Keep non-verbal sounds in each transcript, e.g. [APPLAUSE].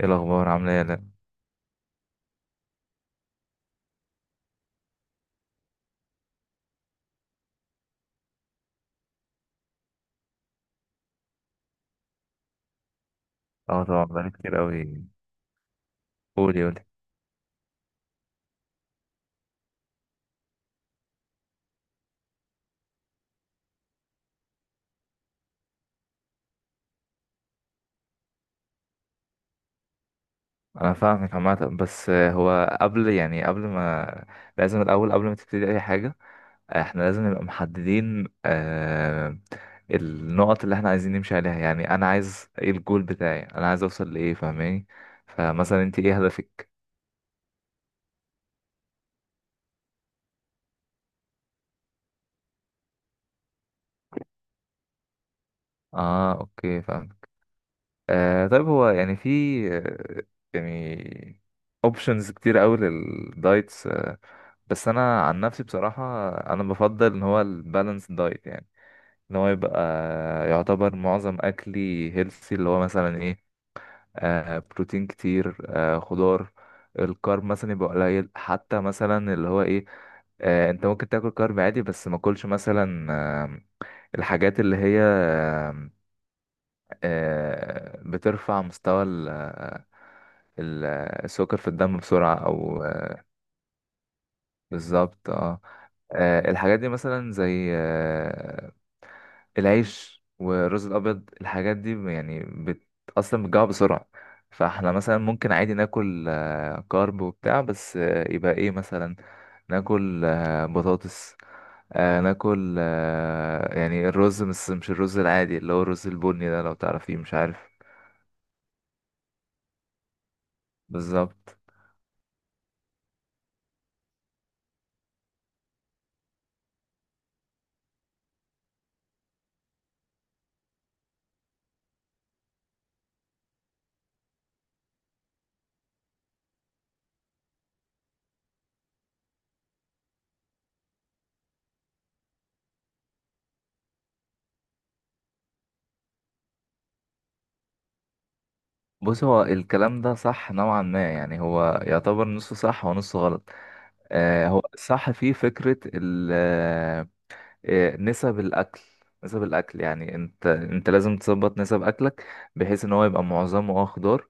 ايه الاخبار عامله ايه يا لأ؟ اه، طبعا بقالي كتير قوي. قولي قولي. انا فاهمك عامه، بس هو قبل يعني قبل ما، لازم الاول قبل ما تبتدي اي حاجه. احنا لازم نبقى محددين، النقط اللي احنا عايزين نمشي عليها، يعني انا عايز ايه الجول بتاعي؟ انا عايز اوصل لايه؟ فاهماني؟ فمثلا انت ايه هدفك؟ اه اوكي فاهمك. طيب، هو يعني في، آه، يعني اوبشنز كتير قوي للدايتس، بس انا عن نفسي بصراحه انا بفضل ان هو البالانس دايت، يعني ان هو يبقى يعتبر معظم اكلي هيلثي، اللي هو مثلا ايه؟ بروتين كتير، خضار. الكارب مثلا يبقى قليل، حتى مثلا اللي هو ايه؟ انت ممكن تاكل كارب عادي، بس ما اكلش مثلا الحاجات اللي هي، بترفع مستوى السكر في الدم بسرعه او. بالظبط اه. الحاجات دي مثلا زي العيش والرز الابيض، الحاجات دي يعني اصلا بتجوع بسرعه. فاحنا مثلا ممكن عادي ناكل كارب وبتاع، بس يبقى ايه مثلا؟ ناكل بطاطس، ناكل يعني الرز، بس مش الرز العادي، اللي هو الرز البني ده، لو تعرفيه مش عارف. بالظبط. بص، هو الكلام ده صح نوعا ما، يعني هو يعتبر نصه صح ونصه غلط. هو صح في فكرة نسب الأكل. نسب الأكل، يعني أنت لازم تظبط نسب أكلك، بحيث إن هو يبقى معظمه أه خضار،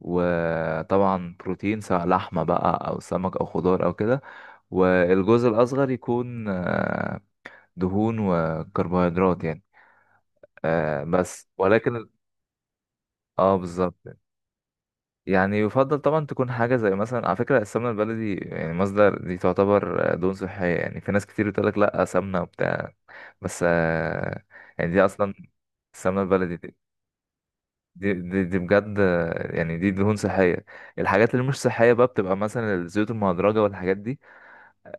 وطبعا بروتين سواء لحمة بقى أو سمك أو خضار أو كده. والجزء الأصغر يكون دهون وكربوهيدرات يعني، بس ولكن. اه بالظبط، يعني يفضل طبعا تكون حاجة زي مثلا، على فكرة، السمنة البلدي، يعني مصدر دي تعتبر دهون صحية. يعني في ناس كتير بتقولك لأ سمنة وبتاع، بس يعني دي أصلا، السمنة البلدي دي، دي بجد يعني دي دهون صحية. الحاجات اللي مش صحية بقى بتبقى مثلا الزيوت المهدرجة والحاجات دي،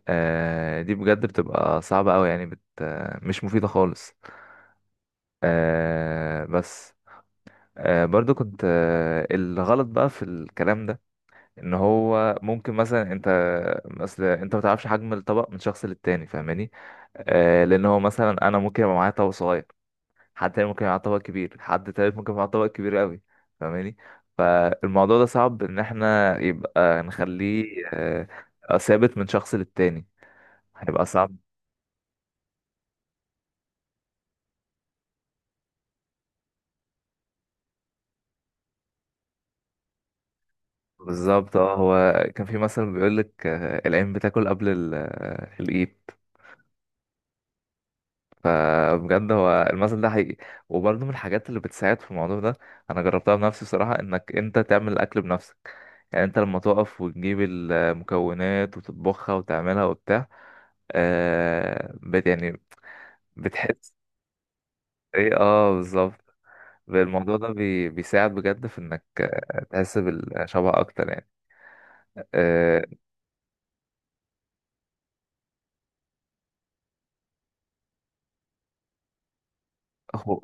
دي بجد بتبقى صعبة أوي، يعني بت آه، مش مفيدة خالص. بس برضو كنت الغلط بقى في الكلام ده، ان هو ممكن مثلا انت ما تعرفش حجم الطبق من شخص للتاني، فاهماني؟ لان هو مثلا انا ممكن يبقى معايا طبق صغير، حد تاني ممكن يبقى معاه طبق كبير، حد تالت ممكن يبقى معاه طبق كبير قوي، فاهماني؟ فالموضوع ده صعب ان احنا يبقى نخليه آه ثابت من شخص للتاني، هيبقى صعب. بالظبط اه. هو كان في مثل بيقول لك العين بتاكل قبل الايد. فبجد هو المثل ده حقيقي. وبرضه من الحاجات اللي بتساعد في الموضوع ده، انا جربتها بنفسي بصراحه، انك انت تعمل الاكل بنفسك. يعني انت لما تقف وتجيب المكونات وتطبخها وتعملها وبتاع، آه بت يعني بتحس. ايه اه بالظبط. الموضوع ده بيساعد بجد في انك تحس بالشبع اكتر يعني. آه. هو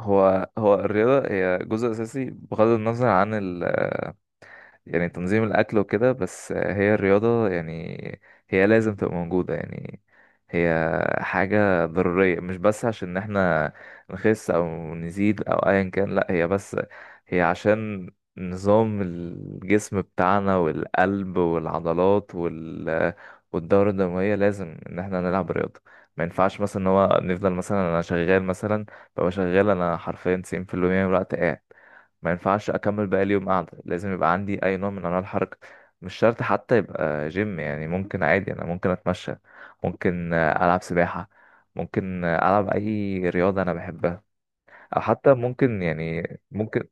هو الرياضة هي جزء أساسي بغض النظر عن ال، يعني تنظيم الأكل وكده، بس هي الرياضة، يعني هي لازم تبقى موجودة، يعني هي حاجة ضرورية. مش بس عشان احنا نخس أو نزيد أو أيا كان، لأ، هي بس هي عشان نظام الجسم بتاعنا والقلب والعضلات وال والدورة الدموية، لازم إن احنا نلعب رياضة. ما ينفعش مثلا إن هو نفضل مثلا، أنا شغال مثلا ببقى شغال، أنا حرفيا تسعين في المية من الوقت قاعد، ما ينفعش اكمل باقي اليوم قاعده. لازم يبقى عندي اي نوع من انواع الحركه، مش شرط حتى يبقى جيم. يعني ممكن عادي انا ممكن اتمشى، ممكن العب سباحه، ممكن العب اي رياضه انا بحبها، او حتى ممكن يعني ممكن.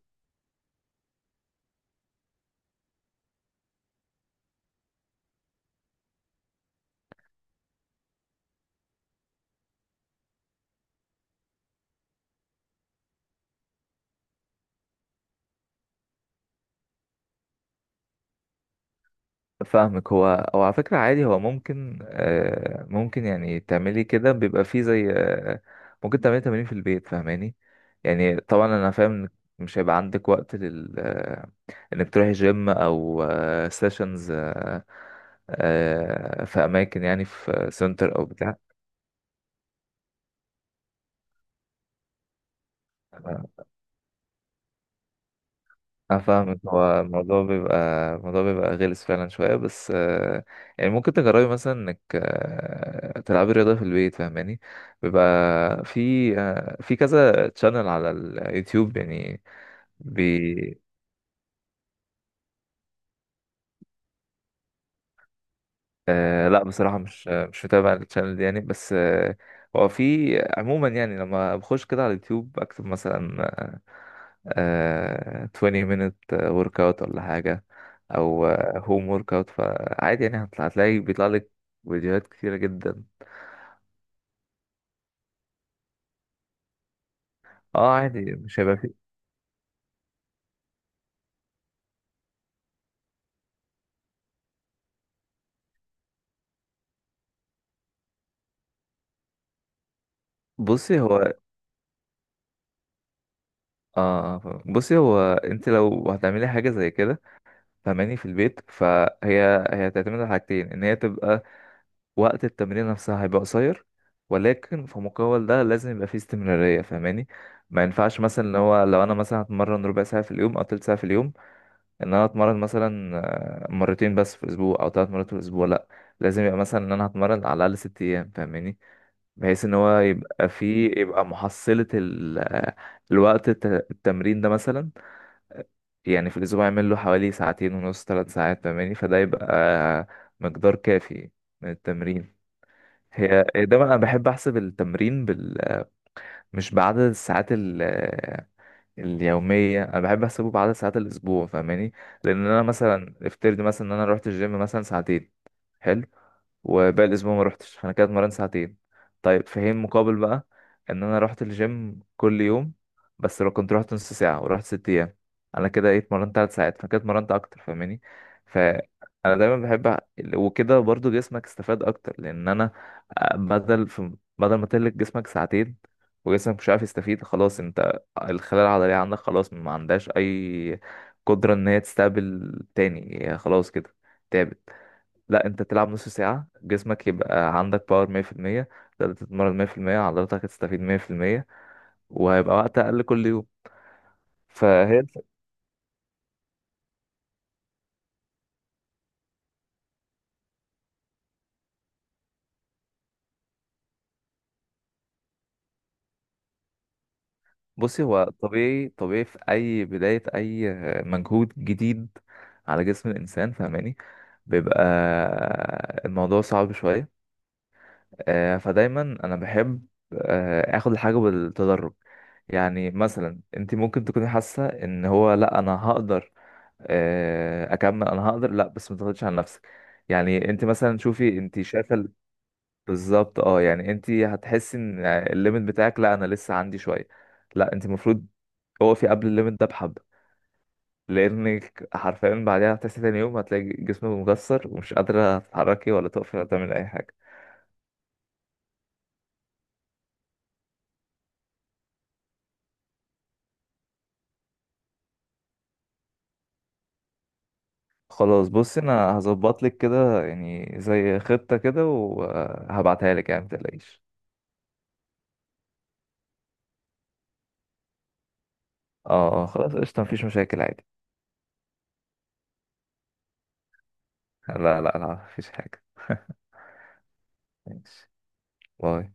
فاهمك. هو او على فكره عادي هو ممكن، ممكن يعني تعملي كده، بيبقى فيه زي ممكن تعملي تمارين في البيت، فاهماني؟ يعني طبعا انا فاهم إنك مش هيبقى عندك وقت لل انك تروحي جيم او سيشنز، في اماكن يعني، في سنتر او بتاع. انا فاهم إن هو الموضوع بيبقى غلس فعلا شويه، بس يعني ممكن تجربي مثلا انك تلعبي رياضه في البيت، فاهماني؟ بيبقى في، في كذا تشانل على اليوتيوب يعني. بي آه، لا بصراحه مش متابع التشانل دي يعني، بس هو في عموما يعني لما بخش كده على اليوتيوب اكتب مثلا 20 minute work out ولا حاجة، أو home work out. فعادي يعني هتلاقي بيطلع لك فيديوهات كتيرة جدا. اه عادي، مش هيبقى فيه. بصي هو، اه فاهم. بصي هو، انت لو هتعملي حاجة زي كده، فهماني، في البيت، هي تعتمد على حاجتين، ان هي تبقى وقت التمرين نفسها هيبقى قصير، ولكن في مقابل ده لازم يبقى فيه استمرارية، فهماني؟ ما ينفعش مثلا اللي هو لو انا مثلا هتمرن ربع ساعة في اليوم او تلت ساعة في اليوم، ان انا اتمرن مثلا مرتين بس في الاسبوع او ثلاث مرات في الاسبوع، لا. لازم يبقى مثلا ان انا هتمرن على الاقل ست ايام، فاهماني؟ بحيث ان هو يبقى محصلة الوقت التمرين ده مثلا، يعني في الاسبوع يعمل له حوالي ساعتين ونص ثلاث ساعات، فاهماني؟ فده يبقى مقدار كافي من التمرين. هي ده بقى، انا بحب احسب التمرين بال، مش بعدد الساعات ال... اليومية. أنا بحب أحسبه بعدد ساعات الأسبوع، فاهماني؟ لأن أنا مثلا افترض مثلا إن أنا روحت الجيم مثلا ساعتين، حلو، وباقي الأسبوع ما روحتش، فأنا كده اتمرنت ساعتين. طيب في حين مقابل بقى، إن أنا روحت الجيم كل يوم، بس لو كنت روحت نص ساعة ورحت ست أيام، أنا كده إيه اتمرنت تلات ساعات، فأنا كده اتمرنت أكتر، فاهماني؟ فأنا دايما بحب وكده برضو جسمك استفاد أكتر، لأن أنا آه، بدل في بدل ما تهلك جسمك ساعتين وجسمك مش عارف يستفيد. خلاص انت الخلايا العضلية عندك خلاص ما عندهاش أي قدرة إن هي تستقبل تاني، هي خلاص كده تعبت. لا، أنت تلعب نص ساعة جسمك يبقى عندك باور مية في المية، تقدر تتمرن مية في المية، عضلاتك هتستفيد مية في المية، وهيبقى وقت أقل كل يوم. فهي الف- بصي هو طبيعي، طبيعي في أي بداية أي مجهود جديد على جسم الإنسان، فاهماني؟ بيبقى الموضوع صعب شوية. فدايما انا بحب اخد الحاجه بالتدرج. يعني مثلا انت ممكن تكوني حاسه ان هو، لا انا هقدر اكمل، انا هقدر، لا، بس ما تضغطيش على نفسك. يعني انت مثلا شوفي، انت شايفه ال-، بالظبط اه، يعني انت هتحسي ان الليميت بتاعك، لا انا لسه عندي شويه، لا، انت المفروض اقفي قبل الليميت ده بحبه، لانك حرفيا بعدها هتحسي تاني يوم هتلاقي جسمك مكسر ومش قادره تتحركي ولا تقفي ولا تعملي اي حاجه. خلاص بص، انا هظبط لك كده يعني زي خطة كده وهبعتها لك، يعني متقلقيش. اه خلاص قشطة مفيش مشاكل عادي. لا لا لا مفيش حاجة [LAUGHS] ماشي باي.